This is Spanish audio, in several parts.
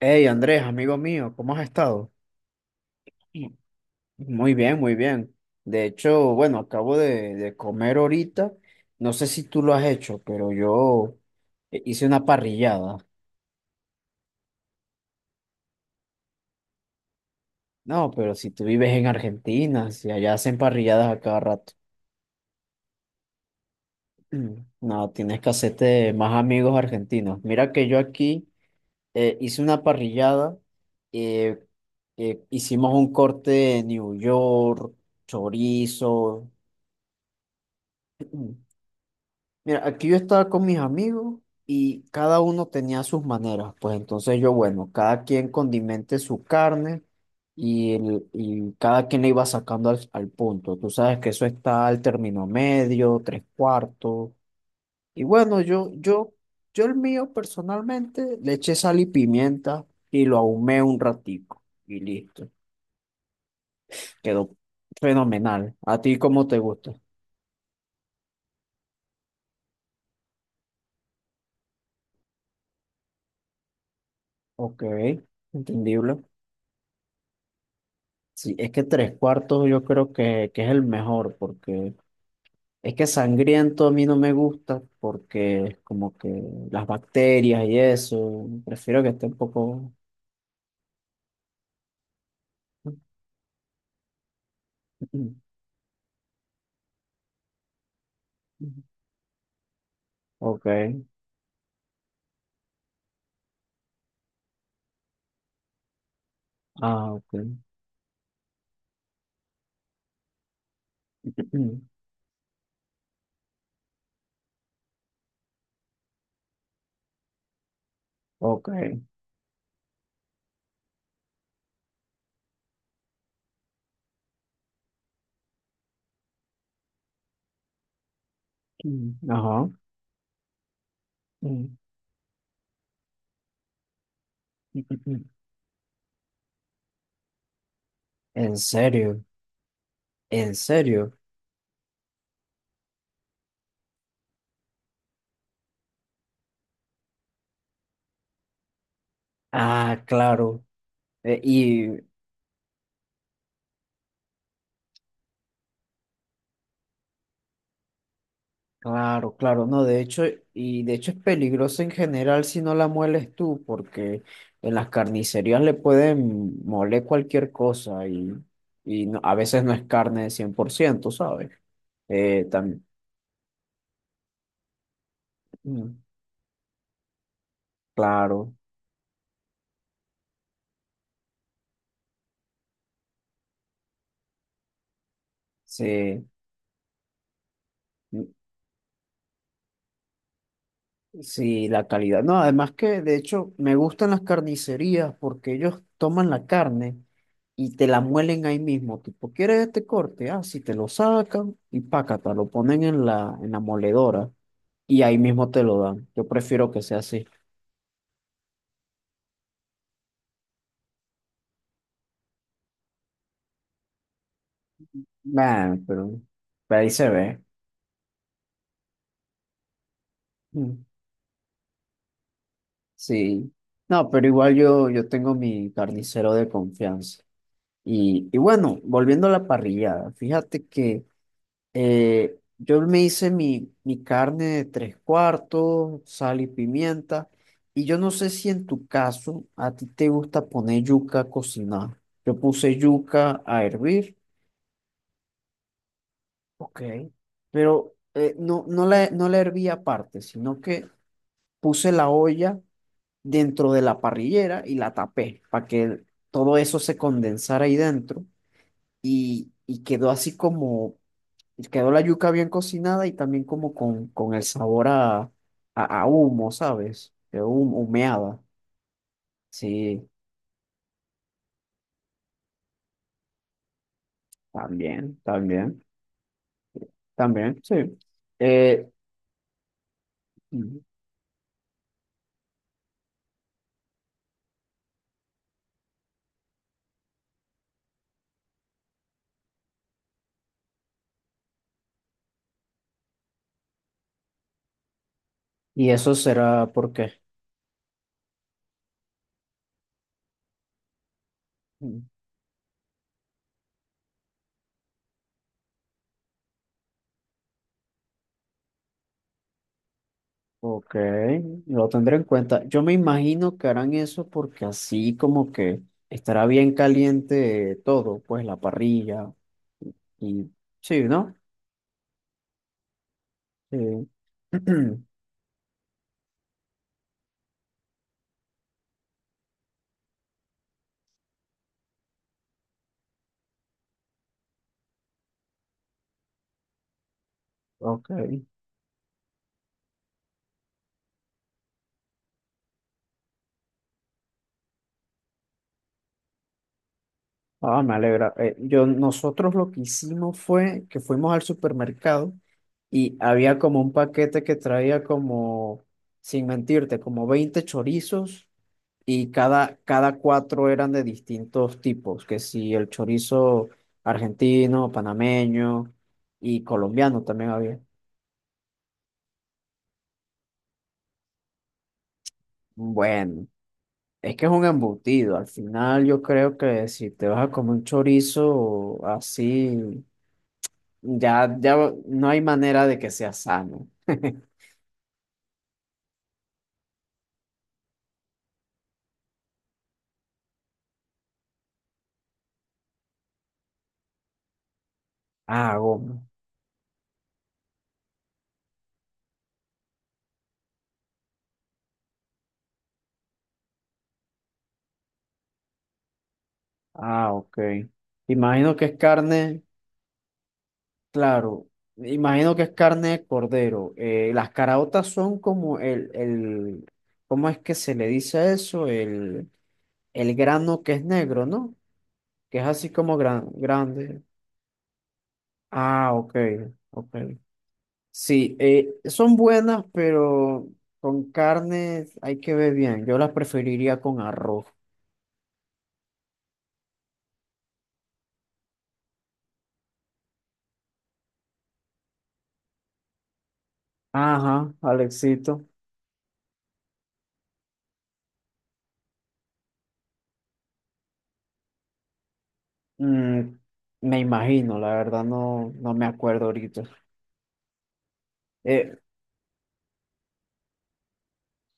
Hey Andrés, amigo mío, ¿cómo has estado? Mm. Muy bien, muy bien. De hecho, bueno, acabo de comer ahorita. No sé si tú lo has hecho, pero yo hice una parrillada. No, pero si tú vives en Argentina, si allá hacen parrilladas a cada rato. Mm. No, tienes que hacerte más amigos argentinos. Mira que yo aquí hice una parrillada. eh, Hicimos un corte de New York, chorizo. Mira, aquí yo estaba con mis amigos y cada uno tenía sus maneras. Pues entonces yo, bueno, cada quien condimente su carne y, y cada quien le iba sacando al punto. Tú sabes que eso está al término medio, tres cuartos. Y bueno, yo el mío personalmente le eché sal y pimienta y lo ahumé un ratico y listo. Quedó fenomenal. ¿A ti cómo te gusta? Ok, entendible. Sí, es que tres cuartos yo creo que es el mejor, porque es que sangriento a mí no me gusta, porque es como que las bacterias y eso, prefiero que esté un poco. Ok. Ah, ok. Ok. Ajá. ¿En serio? ¿En serio? Ah, claro. Eh, y Claro, claro, no, de hecho, y de hecho es peligroso en general si no la mueles tú, porque en las carnicerías le pueden moler cualquier cosa a veces no es carne de 100%, ¿sabes? Eh, tam- mm, claro, sí. Sí, la calidad. No, además que de hecho me gustan las carnicerías porque ellos toman la carne y te la muelen ahí mismo. Tipo, ¿quieres este corte? Ah, sí, te lo sacan y pácata, lo ponen en la moledora y ahí mismo te lo dan. Yo prefiero que sea así. Nah, pero ahí se ve. Mm. Sí. No, pero igual yo tengo mi carnicero de confianza. Y bueno, volviendo a la parrillada, fíjate que. Yo me hice mi carne de tres cuartos, sal y pimienta. Y yo no sé si en tu caso a ti te gusta poner yuca a cocinar. Yo puse yuca a hervir. Ok. Pero no, no la herví aparte, sino que puse la olla dentro de la parrillera y la tapé para que todo eso se condensara ahí dentro. Y quedó así como. Y quedó la yuca bien cocinada y también como con el sabor a humo, ¿sabes? Quedó humeada. Sí, también, también, también, sí. Eh, y eso será porque. Mm. Ok, lo tendré en cuenta. Yo me imagino que harán eso porque así como que estará bien caliente todo, pues la parrilla y sí, ¿no? Sí. Ok. Ah, me alegra. Nosotros lo que hicimos fue que fuimos al supermercado y había como un paquete que traía como, sin mentirte, como 20 chorizos y cada cuatro eran de distintos tipos, que si el chorizo argentino, panameño y colombiano también había. Bueno, es que es un embutido. Al final yo creo que si te vas a comer un chorizo así. Ya, ya no hay manera de que sea sano. Ah, goma. Ah, ok. Imagino que es carne, claro. Imagino que es carne de cordero. Las caraotas son como el, ¿cómo es que se le dice a eso? El grano que es negro, ¿no? Que es así como grande. Ah, ok, ok. Sí, son buenas, pero con carne hay que ver bien. Yo las preferiría con arroz. Ajá, Alexito. Mm, me imagino, la verdad no me acuerdo ahorita. Eh,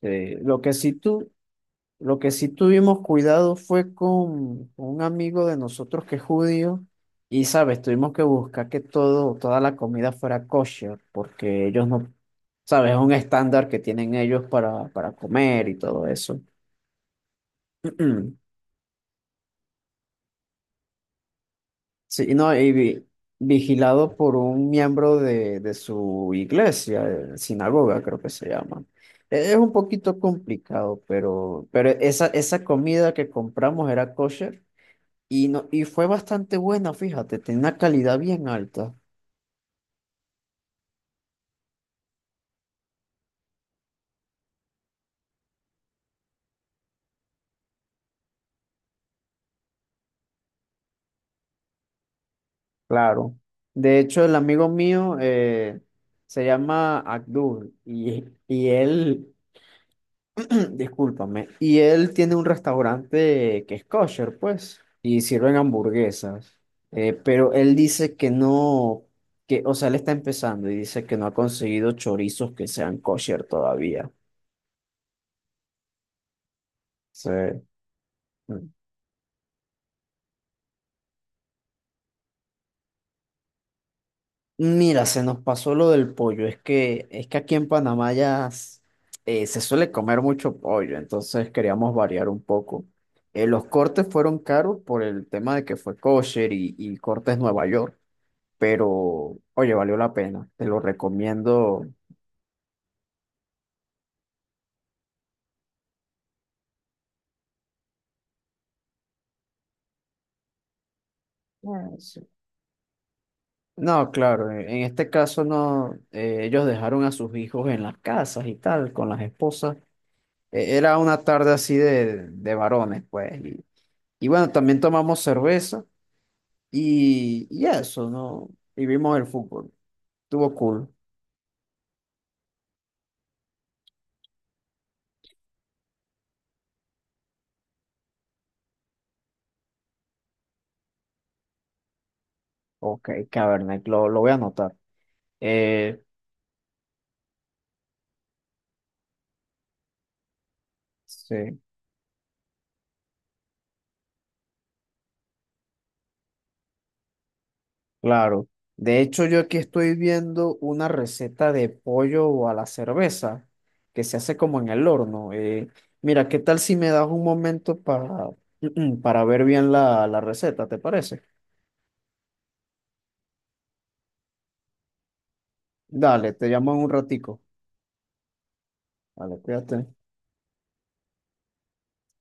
eh, lo que sí tú, lo que sí tuvimos cuidado fue con un amigo de nosotros que es judío y, sabes, tuvimos que buscar que toda la comida fuera kosher porque ellos no, sabes, es un estándar que tienen ellos para comer y todo eso. Sí, no, y vigilado por un miembro de su iglesia, sinagoga creo que se llama. Es un poquito complicado, pero esa comida que compramos era kosher y, no, y fue bastante buena, fíjate, tenía una calidad bien alta. Claro. De hecho, el amigo mío se llama Abdul y él. Discúlpame. Y él tiene un restaurante que es kosher, pues, y sirven hamburguesas. Pero él dice que no, que, o sea, él está empezando y dice que no ha conseguido chorizos que sean kosher todavía. Sí. Mm. Mira, se nos pasó lo del pollo. Es que aquí en Panamá ya se suele comer mucho pollo, entonces queríamos variar un poco. Los cortes fueron caros por el tema de que fue kosher y cortes Nueva York. Pero oye, valió la pena, te lo recomiendo. Ah, sí. No, claro, en este caso no, ellos dejaron a sus hijos en las casas y tal, con las esposas. Era una tarde así de varones, pues. Y bueno, también tomamos cerveza y eso, ¿no? Y vimos el fútbol. Estuvo cool. Ok, Cabernet, lo voy a anotar. Eh, sí. Claro. De hecho, yo aquí estoy viendo una receta de pollo a la cerveza que se hace como en el horno. Mira, ¿qué tal si me das un momento para ver bien la receta? ¿Te parece? Dale, te llamo en un ratico. Vale, cuídate.